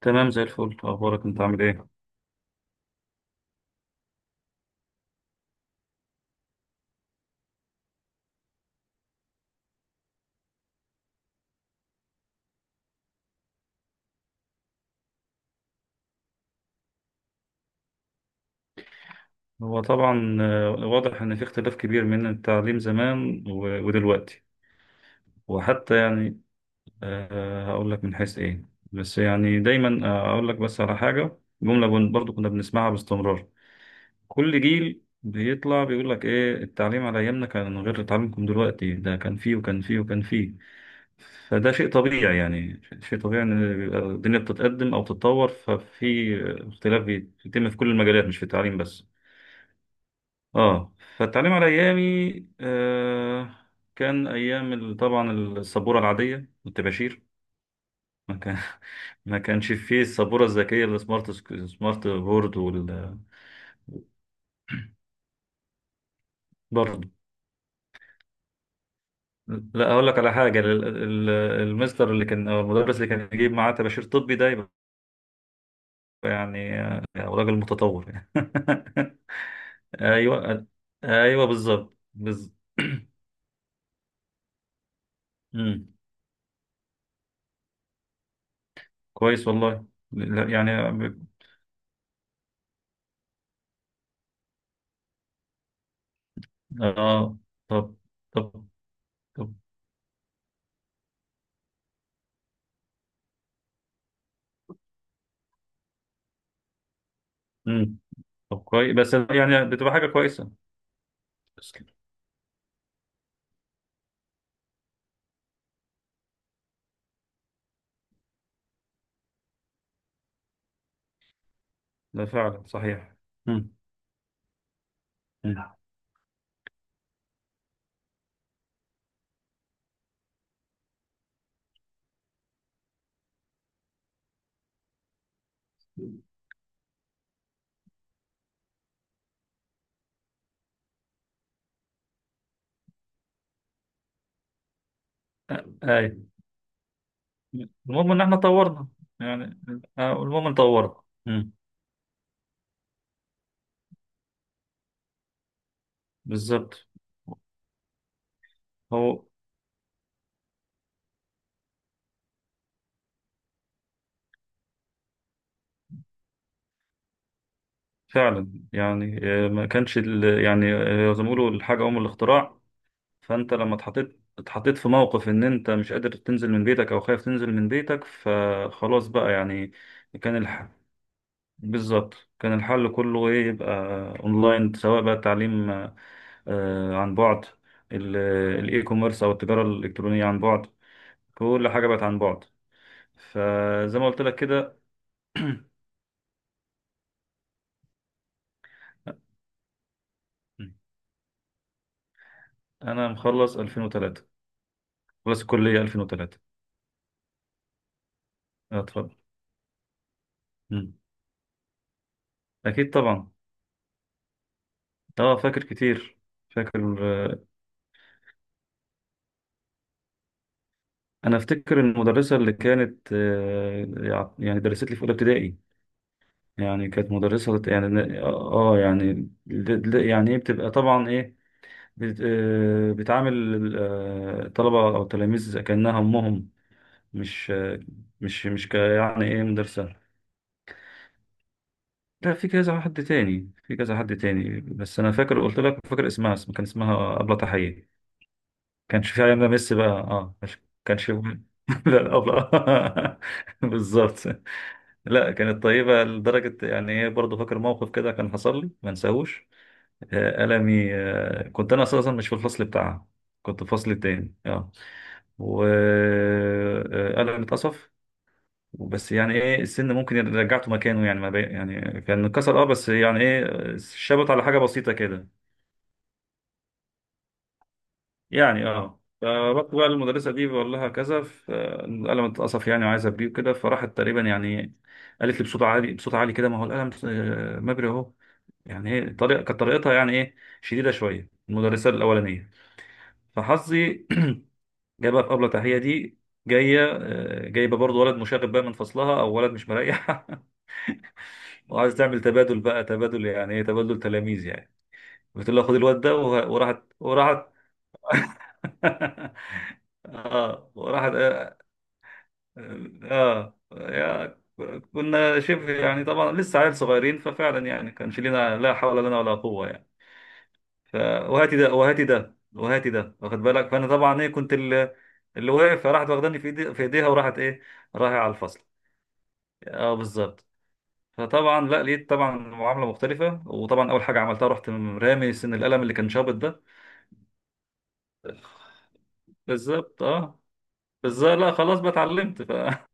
تمام زي الفل. اخبارك انت عامل ايه؟ هو طبعا واضح ان في اختلاف كبير من التعليم زمان ودلوقتي. وحتى يعني هقول لك من حيث ايه. بس يعني دايما اقول لك بس على حاجه جمله برضو كنا بنسمعها باستمرار. كل جيل بيطلع بيقول لك ايه، التعليم على ايامنا كان غير تعليمكم دلوقتي، ده كان فيه وكان فيه وكان فيه. فده شيء طبيعي، يعني شيء طبيعي ان بيبقى الدنيا بتتقدم او تتطور، ففي اختلاف بيتم في كل المجالات مش في التعليم بس. اه، فالتعليم على ايامي آه كان ايام طبعا السبوره العاديه والطباشير. ما كان ما كانش فيه السبوره الذكيه، السمارت، سمارت بورد وال برضه. لا، اقول لك على حاجه المستر اللي كان او المدرس اللي كان يجيب معاه طباشير طبي، ده يبقى يعني راجل متطور يعني. ايوه، ايوه، بالظبط، بالظبط. مم، كويس والله. لا، يعني اه. طب، طب، طب. مم. طب كويس، بس يعني بتبقى حاجة كويسة بس كده. ده فعلا صحيح. مم. مم. آه، أي المهم إن إحنا طورنا يعني. المهم إن طورنا. مم. بالظبط. هو فعلا يعني ما كانش ال- يعني زي ما بيقولوا، الحاجة أم الاختراع. فأنت لما اتحطيت في موقف إن أنت مش قادر تنزل من بيتك أو خايف تنزل من بيتك، فخلاص بقى يعني. كان الح... بالظبط، كان الحل كله ايه؟ يبقى اونلاين، سواء بقى التعليم عن بعد، ال- الاي كوميرس او التجاره الالكترونيه عن بعد. كل حاجه بقت عن بعد، فزي ما قلت لك كده. انا مخلص 2003، خلص الكليه 2003. اتفضل. مم. اكيد طبعا. اه، فاكر كتير، فاكر. انا افتكر المدرسه اللي كانت يعني درست لي في اولى ابتدائي. يعني كانت مدرسة بت- يعني اه يعني يعني ايه، بتبقى طبعا ايه، بت- بتعامل الطلبة او التلاميذ كأنها امهم، مش ك يعني ايه مدرسة. لا، في كذا حد تاني، بس انا فاكر قلت لك، فاكر اسمها، اسم، كان اسمها أبلة تحية. كانش في علينا ميسي بقى، اه مش كانش. لا أبلة. بالظبط. لا، كانت طيبة لدرجة يعني ايه، برضه فاكر موقف كده كان حصل لي ما انساهوش. قلمي، كنت انا اساسا مش في الفصل بتاعها، كنت في الفصل التاني، اه. وقلمي اتقصف، بس يعني ايه السن ممكن رجعته مكانه، يعني ما بي... يعني كان اتكسر، اه بس يعني ايه شبط على حاجه بسيطه كده يعني، اه. فرحت بقى للمدرسه دي بقول لها كذا، القلم اتقصف يعني، وعايز ابريه كده. فراحت تقريبا يعني قالت لي بصوت عالي، بصوت عالي كده، ما هو القلم مبري اهو. يعني ايه طريقه كانت طريقتها، يعني ايه شديده شويه المدرسه الاولانيه. فحظي جايه بقى في قبل تحيه دي، جايه جايبه برضه ولد مشاغب بقى من فصلها، او ولد مش مريح. وعايز تعمل تبادل بقى، تبادل يعني ايه، تبادل تلاميذ يعني. بتقول له خد الواد ده، وراحت، اه، وراحت، اه، يا، كنا شبه يعني طبعا لسه عيال صغيرين، ففعلا يعني كانش لنا لا حول لنا ولا قوه يعني. ف وهاتي ده وهاتي ده وهاتي ده، واخد بالك. فانا طبعا ايه، كنت اللي واقف، فراحت واخداني في ايدي، في ايديها، وراحت ايه، رايحه على الفصل، اه بالظبط. فطبعا لا لقيت طبعا معامله مختلفه، وطبعا اول حاجه عملتها، رحت رامي سن القلم اللي كان شابط ده. بالظبط، اه بالظبط. لا خلاص بقى اتعلمت ف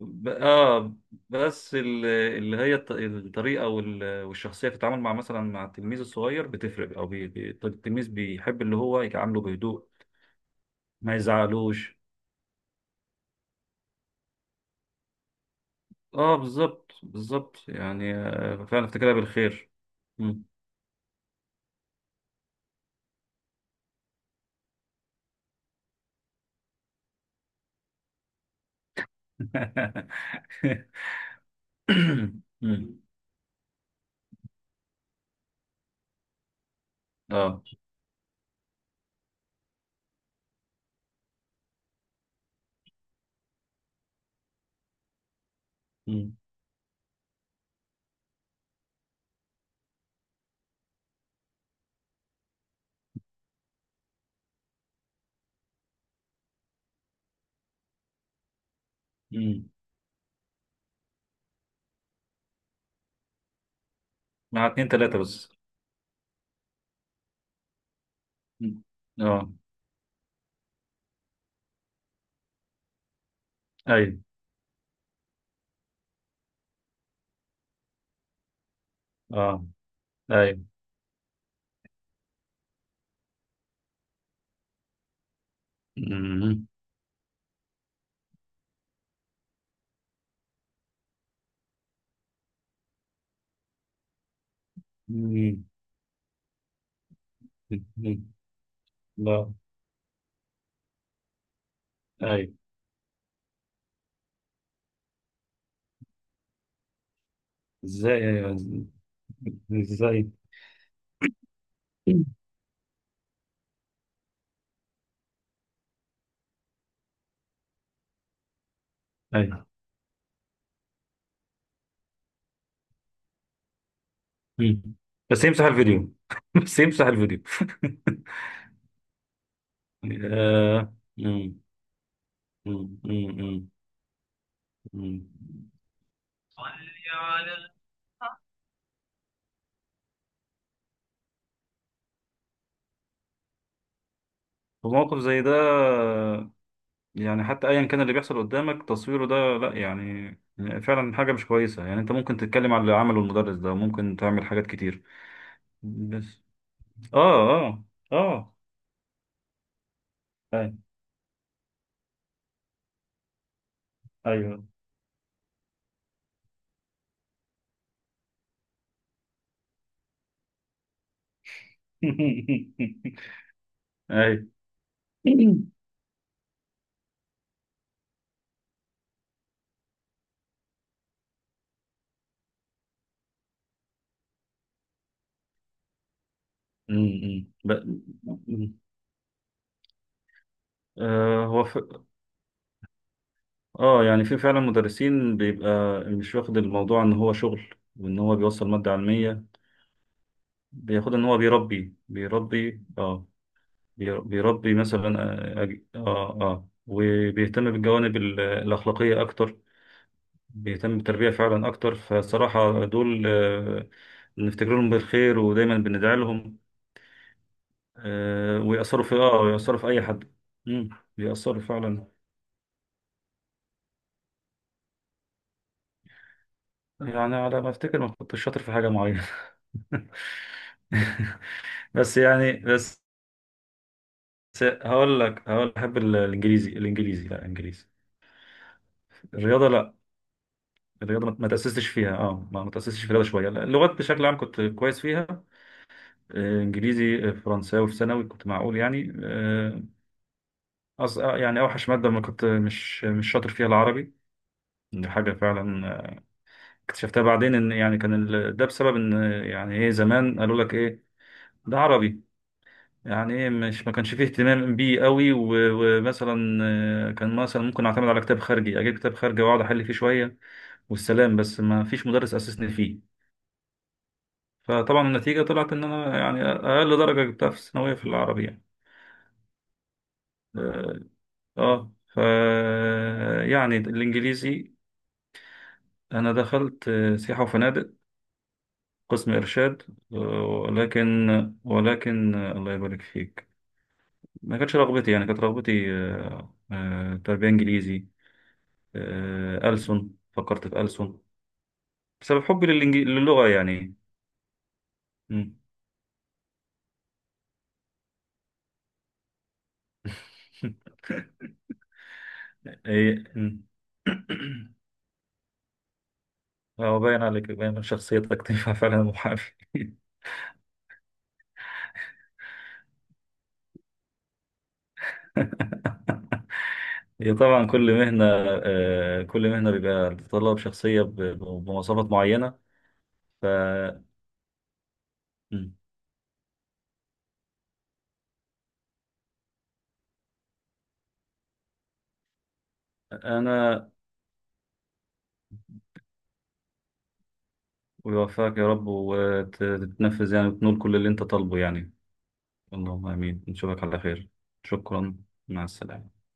ب- اه، بس اللي هي الطريقه والشخصيه في التعامل مع مثلا مع التلميذ الصغير بتفرق، او بي... بي- التلميذ بيحب اللي هو يتعامله بهدوء، ما يزعلوش. اه بالظبط، بالظبط يعني فعلا افتكرها بالخير. مم. مم. اه. مم. مم. مع اتنين تلاتة بس. مم. اه. ايوه. اه. ايوه. مم. مم. مم. لا. ايوه. ازاي، ايوه. ازاي. ايوه. مم. بس يمسح الفيديو، بس يمسح الفيديو. آه. مم. مم. مم. مم. مم. في موقف زي ده، يعني حتى ايا كان اللي بيحصل قدامك، تصويره ده لا يعني، فعلا حاجه مش كويسه يعني. انت ممكن تتكلم على اللي عمله المدرس ده، ممكن تعمل حاجات كتير، بس. اه، اه، اه. أي- ايوه. ايوه. أمم. ب- أمم. آه، هو ف... اه، يعني في فعلا مدرسين بيبقى مش واخد الموضوع ان هو شغل، وان هو بيوصل ماده علميه، بياخد ان هو بيربي، بيربي اه، بيربي مثلا. اه اه، وبيهتم بالجوانب الأخلاقية أكتر، بيهتم بالتربية فعلا أكتر. فصراحة دول نفتكر لهم بالخير ودايما بندعي لهم. ويأثروا في، اه ويأثروا في أي حد. مم. بيأثروا فعلا. يعني على ما أفتكر ما كنتش شاطر في حاجة معينة. بس هقول لك، هقول لك، أحب الإنجليزي لا إنجليزي. الرياضة لا، الرياضة ما تأسستش فيها اه، ما تأسستش في الرياضة شوية. لا، اللغات بشكل عام كنت كويس فيها، انجليزي فرنساوي، في ثانوي كنت معقول يعني. آه، أص... آه، يعني اوحش مادة ما كنت مش مش شاطر فيها، العربي. دي حاجة فعلا اكتشفتها بعدين، ان يعني كان ال... ده بسبب ان يعني ايه زمان قالوا لك ايه، ده عربي، يعني ايه مش ما كانش فيه اهتمام بيه قوي و... ومثلا كان مثلا ممكن اعتمد على كتاب خارجي، اجيب كتاب خارجي واقعد احل فيه شوية والسلام، بس ما فيش مدرس اسسني فيه. فطبعا النتيجة طلعت إن أنا يعني أقل درجة جبتها في الثانوية في العربي يعني، آه. آه. ف يعني الإنجليزي. أنا دخلت سياحة وفنادق، قسم إرشاد، آه. ولكن، ولكن الله يبارك فيك، ما كانتش رغبتي. يعني كانت رغبتي تربية إنجليزي، ألسن، فكرت في ألسن بسبب حبي للغة يعني. مم. إيه. مم. هو باين عليك، باين من شخصيتك تنفع فعلا محامي. هي طبعا كل مهنة، كل مهنة بيبقى تتطلب شخصية بمواصفات معينة، ف مم. أنا ويوفقك يا رب، وتتنفذ يعني وتنول كل اللي أنت طالبه يعني. اللهم آمين، نشوفك على خير. شكرا، مع السلامة.